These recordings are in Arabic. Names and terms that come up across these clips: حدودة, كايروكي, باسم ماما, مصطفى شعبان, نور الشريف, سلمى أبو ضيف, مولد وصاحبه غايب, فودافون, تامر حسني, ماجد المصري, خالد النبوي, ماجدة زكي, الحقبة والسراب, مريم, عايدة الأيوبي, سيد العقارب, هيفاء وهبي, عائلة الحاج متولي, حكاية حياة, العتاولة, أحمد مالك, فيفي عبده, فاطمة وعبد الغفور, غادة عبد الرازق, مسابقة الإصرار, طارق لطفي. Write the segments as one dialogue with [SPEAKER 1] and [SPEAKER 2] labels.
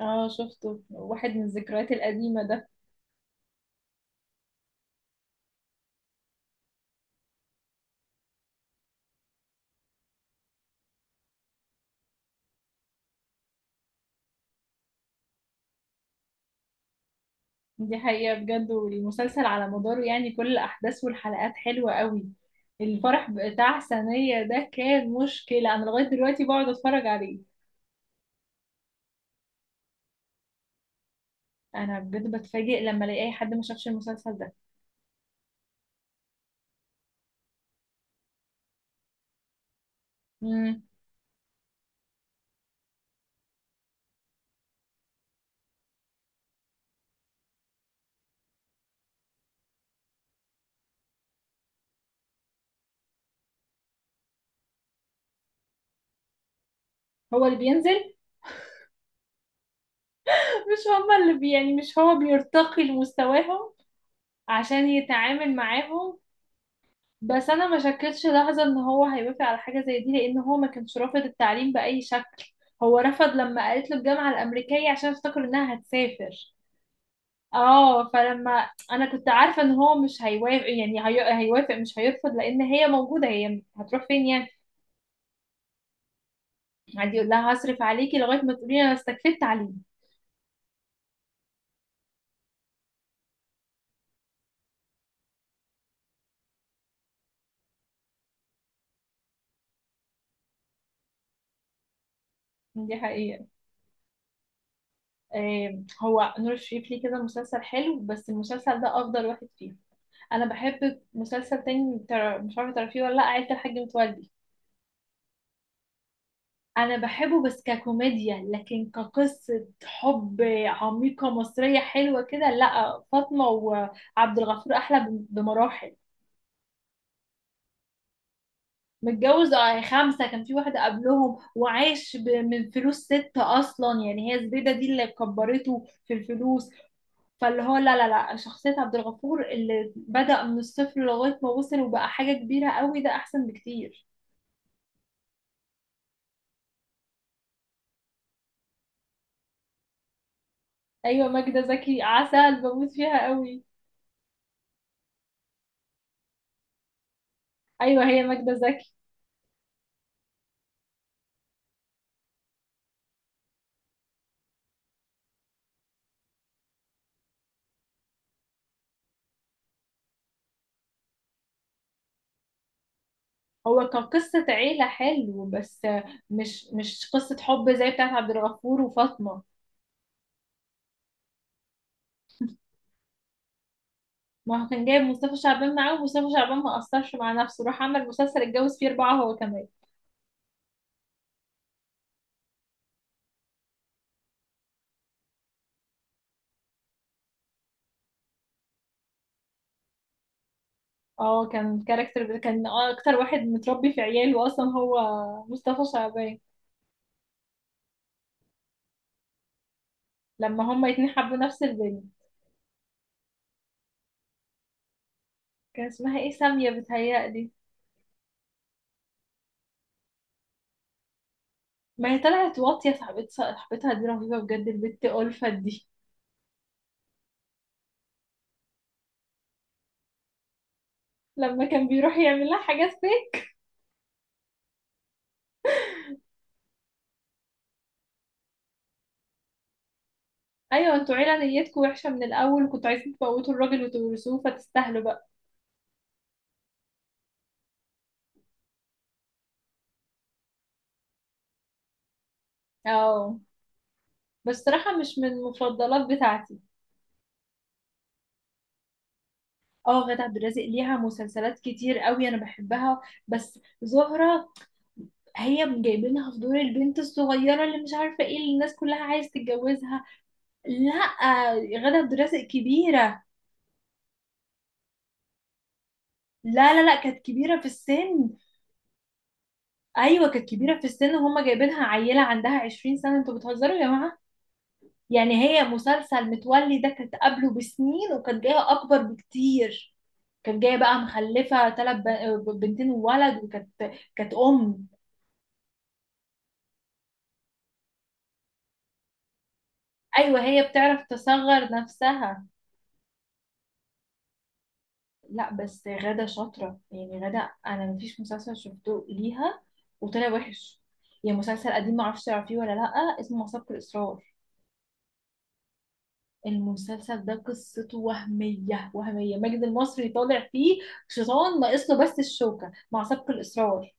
[SPEAKER 1] اه شفته، واحد من الذكريات القديمة ده. دي حقيقة بجد، والمسلسل على مداره يعني كل الأحداث والحلقات حلوة قوي. الفرح بتاع سنية ده كان مشكلة، أنا لغاية دلوقتي بقعد أتفرج عليه. أنا بجد بتفاجئ لما ألاقي أي حد ما شافش المسلسل ده. مم. هو اللي بينزل، مش هما اللي يعني مش هو بيرتقي لمستواهم عشان يتعامل معاهم. بس انا ما شكتش لحظه ان هو هيوافق على حاجه زي دي، لان هو ما كانش رافض التعليم باي شكل. هو رفض لما قالت له الجامعه الامريكيه، عشان افتكر انها هتسافر. اه، فلما انا كنت عارفه ان هو مش هيوافق يعني هيوافق مش هيرفض، لان هي موجوده هي هتروح فين يعني. عادي يقول لها هصرف عليكي لغايه ما تقولي انا استكفيت تعليم. دي حقيقة. هو نور الشريف ليه كده مسلسل حلو، بس المسلسل ده أفضل واحد فيه. أنا بحب مسلسل تاني مش عارفة تعرفيه ولا لأ، عيلة الحاج متولي. انا بحبه بس ككوميديا، لكن كقصة حب عميقة مصرية حلوة كده، لا فاطمة وعبد الغفور احلى بمراحل. متجوز خمسة، كان في واحدة قبلهم وعاش من فلوس ستة أصلا يعني، هي زبيدة دي اللي كبرته في الفلوس. فاللي هو لا لا لا، شخصية عبد الغفور اللي بدأ من الصفر لغاية ما وصل وبقى حاجة كبيرة قوي، ده أحسن بكتير. أيوة ماجدة زكي عسل، بموت فيها قوي. أيوة، هي ماجدة زكي. هو كان قصة عيلة حلو، بس مش قصة حب زي بتاعت عبد الغفور وفاطمة. ما هو كان جايب مصطفى شعبان معاه، ومصطفى شعبان ما قصرش مع نفسه، راح عمل مسلسل اتجوز فيه أربعة هو كمان. اه كان كاركتر، كان أكتر واحد متربي في عياله أصلا هو، مصطفى شعبان. لما هما الاتنين حبوا نفس البنت، كان اسمها ايه، سامية بتهيألي. ما هي طلعت واطية، صاحبتها دي رهيبة بجد، البت ألفت دي. لما كان بيروح يعمل لها حاجات. ايوه انتوا عيله نيتكم وحشه من الاول، وكنتوا عايزين تموتوا الراجل وتورثوه، فتستاهلوا بقى. اه، بس صراحه مش من المفضلات بتاعتي. اه غادة عبد الرازق ليها مسلسلات كتير قوي، انا بحبها. بس زهرة هي جايبينها في دور البنت الصغيره اللي مش عارفه ايه اللي الناس كلها عايز تتجوزها. لا، غادة عبد الرازق كبيره. لا لا لا، كانت كبيره في السن. ايوه كانت كبيره في السن، وهم جايبينها عيله عندها 20 سنه، انتوا بتهزروا يا. يعني هي مسلسل متولي ده كانت قبله بسنين، وكانت جايه اكبر بكتير. كانت جايه بقى مخلفه ثلاث بنتين وولد، وكانت ام. ايوه هي بتعرف تصغر نفسها. لا بس غادة شاطره يعني، غادة انا مفيش مسلسل شفته ليها وطلع وحش. يعني مسلسل قديم معرفش تعرفيه ولا لا، اسمه مسابقة الإصرار. المسلسل ده قصته وهمية وهمية، ماجد المصري طالع فيه شيطان، ناقص له بس الشوكة، مع سبق الإصرار.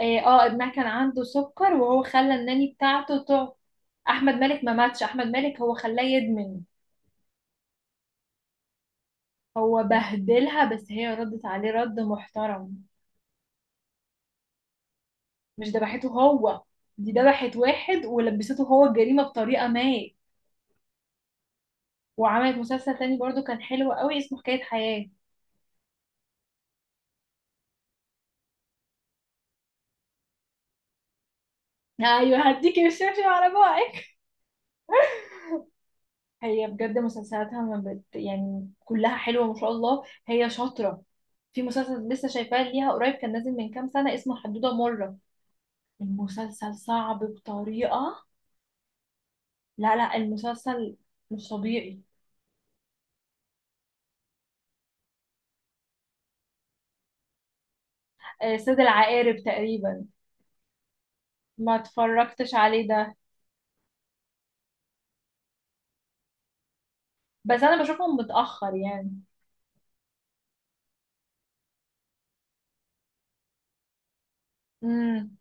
[SPEAKER 1] اه ابنها كان عنده سكر، وهو خلى الناني بتاعته تقعد. احمد مالك ما ماتش، احمد مالك هو خلاه يدمن. هو بهدلها، بس هي ردت عليه رد محترم. مش ذبحته هو، دي ذبحت واحد ولبسته هو الجريمة بطريقة ما. وعملت مسلسل تاني برضو كان حلو قوي، اسمه حكاية حياة. ايوه هديكي الشبشب على بوعك. هي بجد مسلسلاتها ما بت... يعني كلها حلوة ما شاء الله، هي شاطرة. في مسلسل لسه شايفاه ليها قريب، كان نازل من كام سنة، اسمه حدودة مرة. المسلسل صعب بطريقة. لا لا، المسلسل مش طبيعي. سيد العقارب تقريبا. ما اتفرجتش عليه ده. بس انا بشوفه متأخر يعني. امم.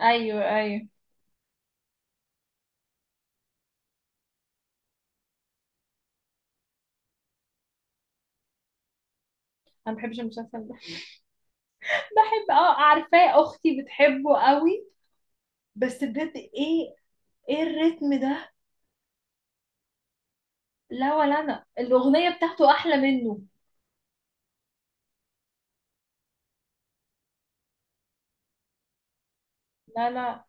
[SPEAKER 1] ايوه ايوه، انا ما بحبش المسلسل ده. بحب عارفاه اختي بتحبه قوي. بس بجد ايه؟ ايه الريتم ده؟ لا ولا انا الاغنية بتاعته احلى منه. لا لا،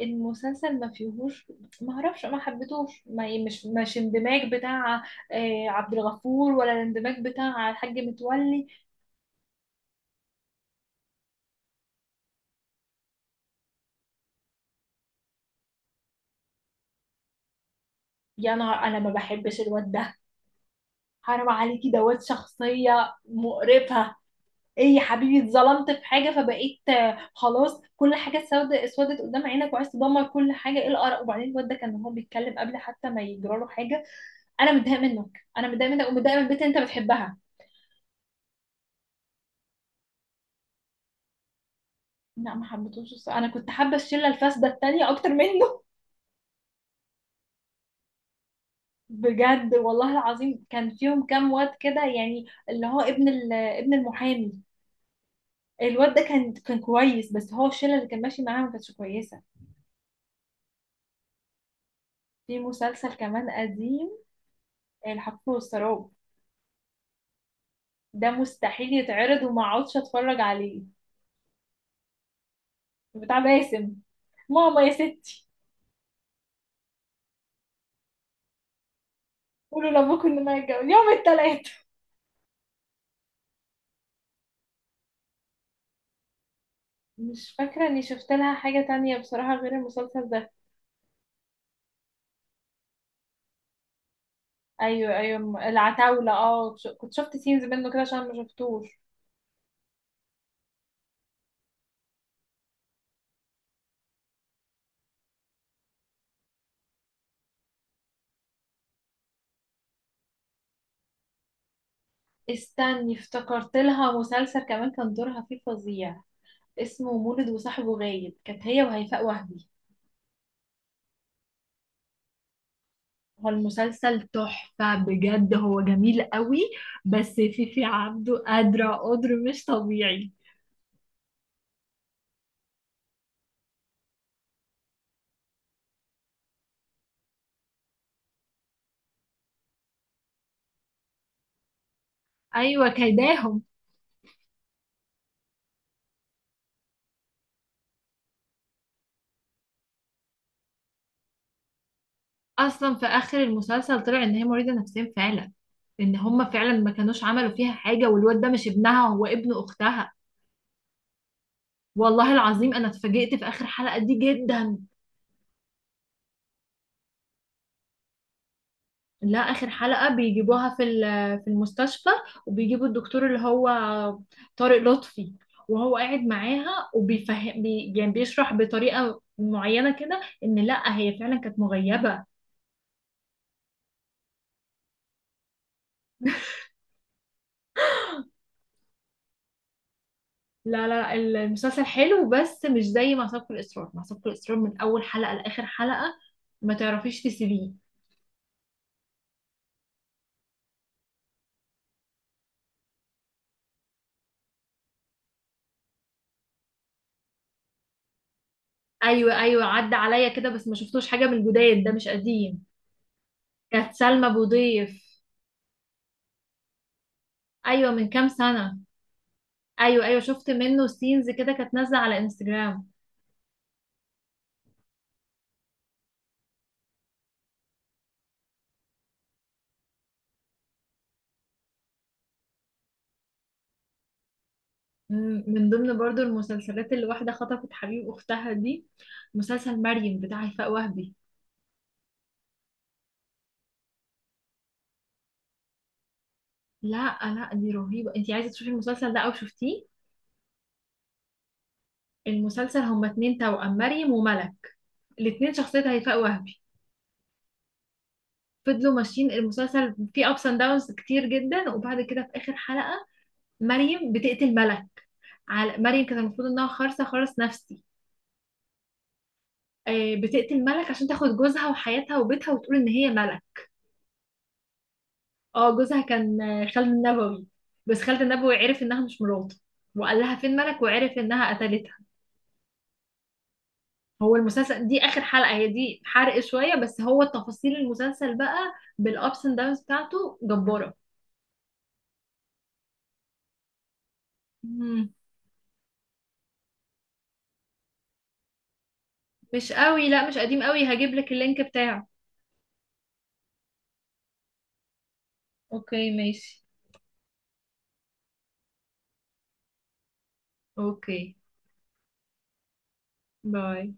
[SPEAKER 1] المسلسل ما فيهوش، ما اعرفش ما حبيتهوش ما مش مش اندماج بتاع عبد الغفور، ولا الاندماج بتاع الحاج متولي. يا نهار، انا ما بحبش الواد ده. حرام عليكي، دوت شخصية مقرفة. ايه يا حبيبي، اتظلمت في حاجة فبقيت خلاص كل حاجة سودة اسودت قدام عينك، وعايز تدمر كل حاجة؟ ايه القرف. وبعدين الواد ده كان هو بيتكلم قبل حتى ما يجرى له حاجة. انا متضايقة منك، انا متضايقة منك ومتضايقة من البنت اللي انت بتحبها. لا ما حبيتهوش الصراحة. انا كنت حابه الشله الفاسده التانية اكتر منه. بجد والله العظيم كان فيهم كام واد كده يعني، اللي هو ابن ابن المحامي. الواد ده كان كويس، بس هو الشله اللي كان ماشي معاها ما كانتش كويسه. في مسلسل كمان قديم، الحقبة والسراب، ده مستحيل يتعرض وما اقعدش اتفرج عليه. بتاع باسم، ماما يا ستي. قولوا لابوكم ان ما يتجوز يوم التلات. مش فاكره اني شفت لها حاجه تانية بصراحه غير المسلسل ده. ايوه ايوه العتاوله، اه كنت شفت سينز منه كده عشان ما شفتوش. استني، افتكرت لها مسلسل كمان كان دورها فيه فظيع، اسمه مولد وصاحبه غايب، كانت هي وهيفاء وهبي. هو المسلسل تحفة بجد، هو جميل قوي، بس فيفي عبده قادرة قدر مش طبيعي. أيوة كيداهم. أصلا في آخر المسلسل طلع إن هي مريضة نفسيا فعلا، إن هما فعلا ما كانوش عملوا فيها حاجة، والواد ده مش ابنها، هو ابن أختها. والله العظيم أنا اتفاجئت في آخر حلقة دي جدا. لا آخر حلقة بيجيبوها في في المستشفى، وبيجيبوا الدكتور اللي هو طارق لطفي، وهو قاعد معاها وبيفهم يعني بيشرح بطريقة معينة كده إن لا هي فعلا كانت مغيبة. لا لا، المسلسل حلو، بس مش زي مع في الإصرار، مع في الإصرار من أول حلقة لآخر حلقة، ما تعرفيش تسيبيه. أيوة أيوة، عدى عليا كده، بس ما شفتوش حاجة من الجداد ده، مش قديم. كانت سلمى أبو ضيف. أيوة من كام سنة. ايوه ايوه، شفت منه سينز كده، كانت نازله على انستجرام. من ضمن برضو المسلسلات اللي واحده خطفت حبيب اختها دي، مسلسل مريم بتاع هيفاء وهبي. لا لا، دي رهيبه، انتي عايزه تشوفي المسلسل ده او شفتيه؟ المسلسل هما اتنين توأم، مريم وملك، الاتنين شخصيه هيفاء وهبي. فضلوا ماشيين، المسلسل فيه ابس اند داونز كتير جدا، وبعد كده في اخر حلقه مريم بتقتل ملك، على مريم كانت المفروض انها خارصه خالص نفسي. بتقتل ملك عشان تاخد جوزها وحياتها وبيتها، وتقول ان هي ملك. اه جوزها كان خالد النبوي، بس خالد النبوي عرف انها مش مراته، وقال لها فين مالك، وعرف انها قتلتها. هو المسلسل دي اخر حلقة، هي دي حرق شوية، بس هو تفاصيل المسلسل بقى بالابس اند داونز بتاعته جبارة. مم. مش قوي، لا مش قديم قوي، هجيب لك اللينك بتاعه. اوكي ماشي. اوكي باي.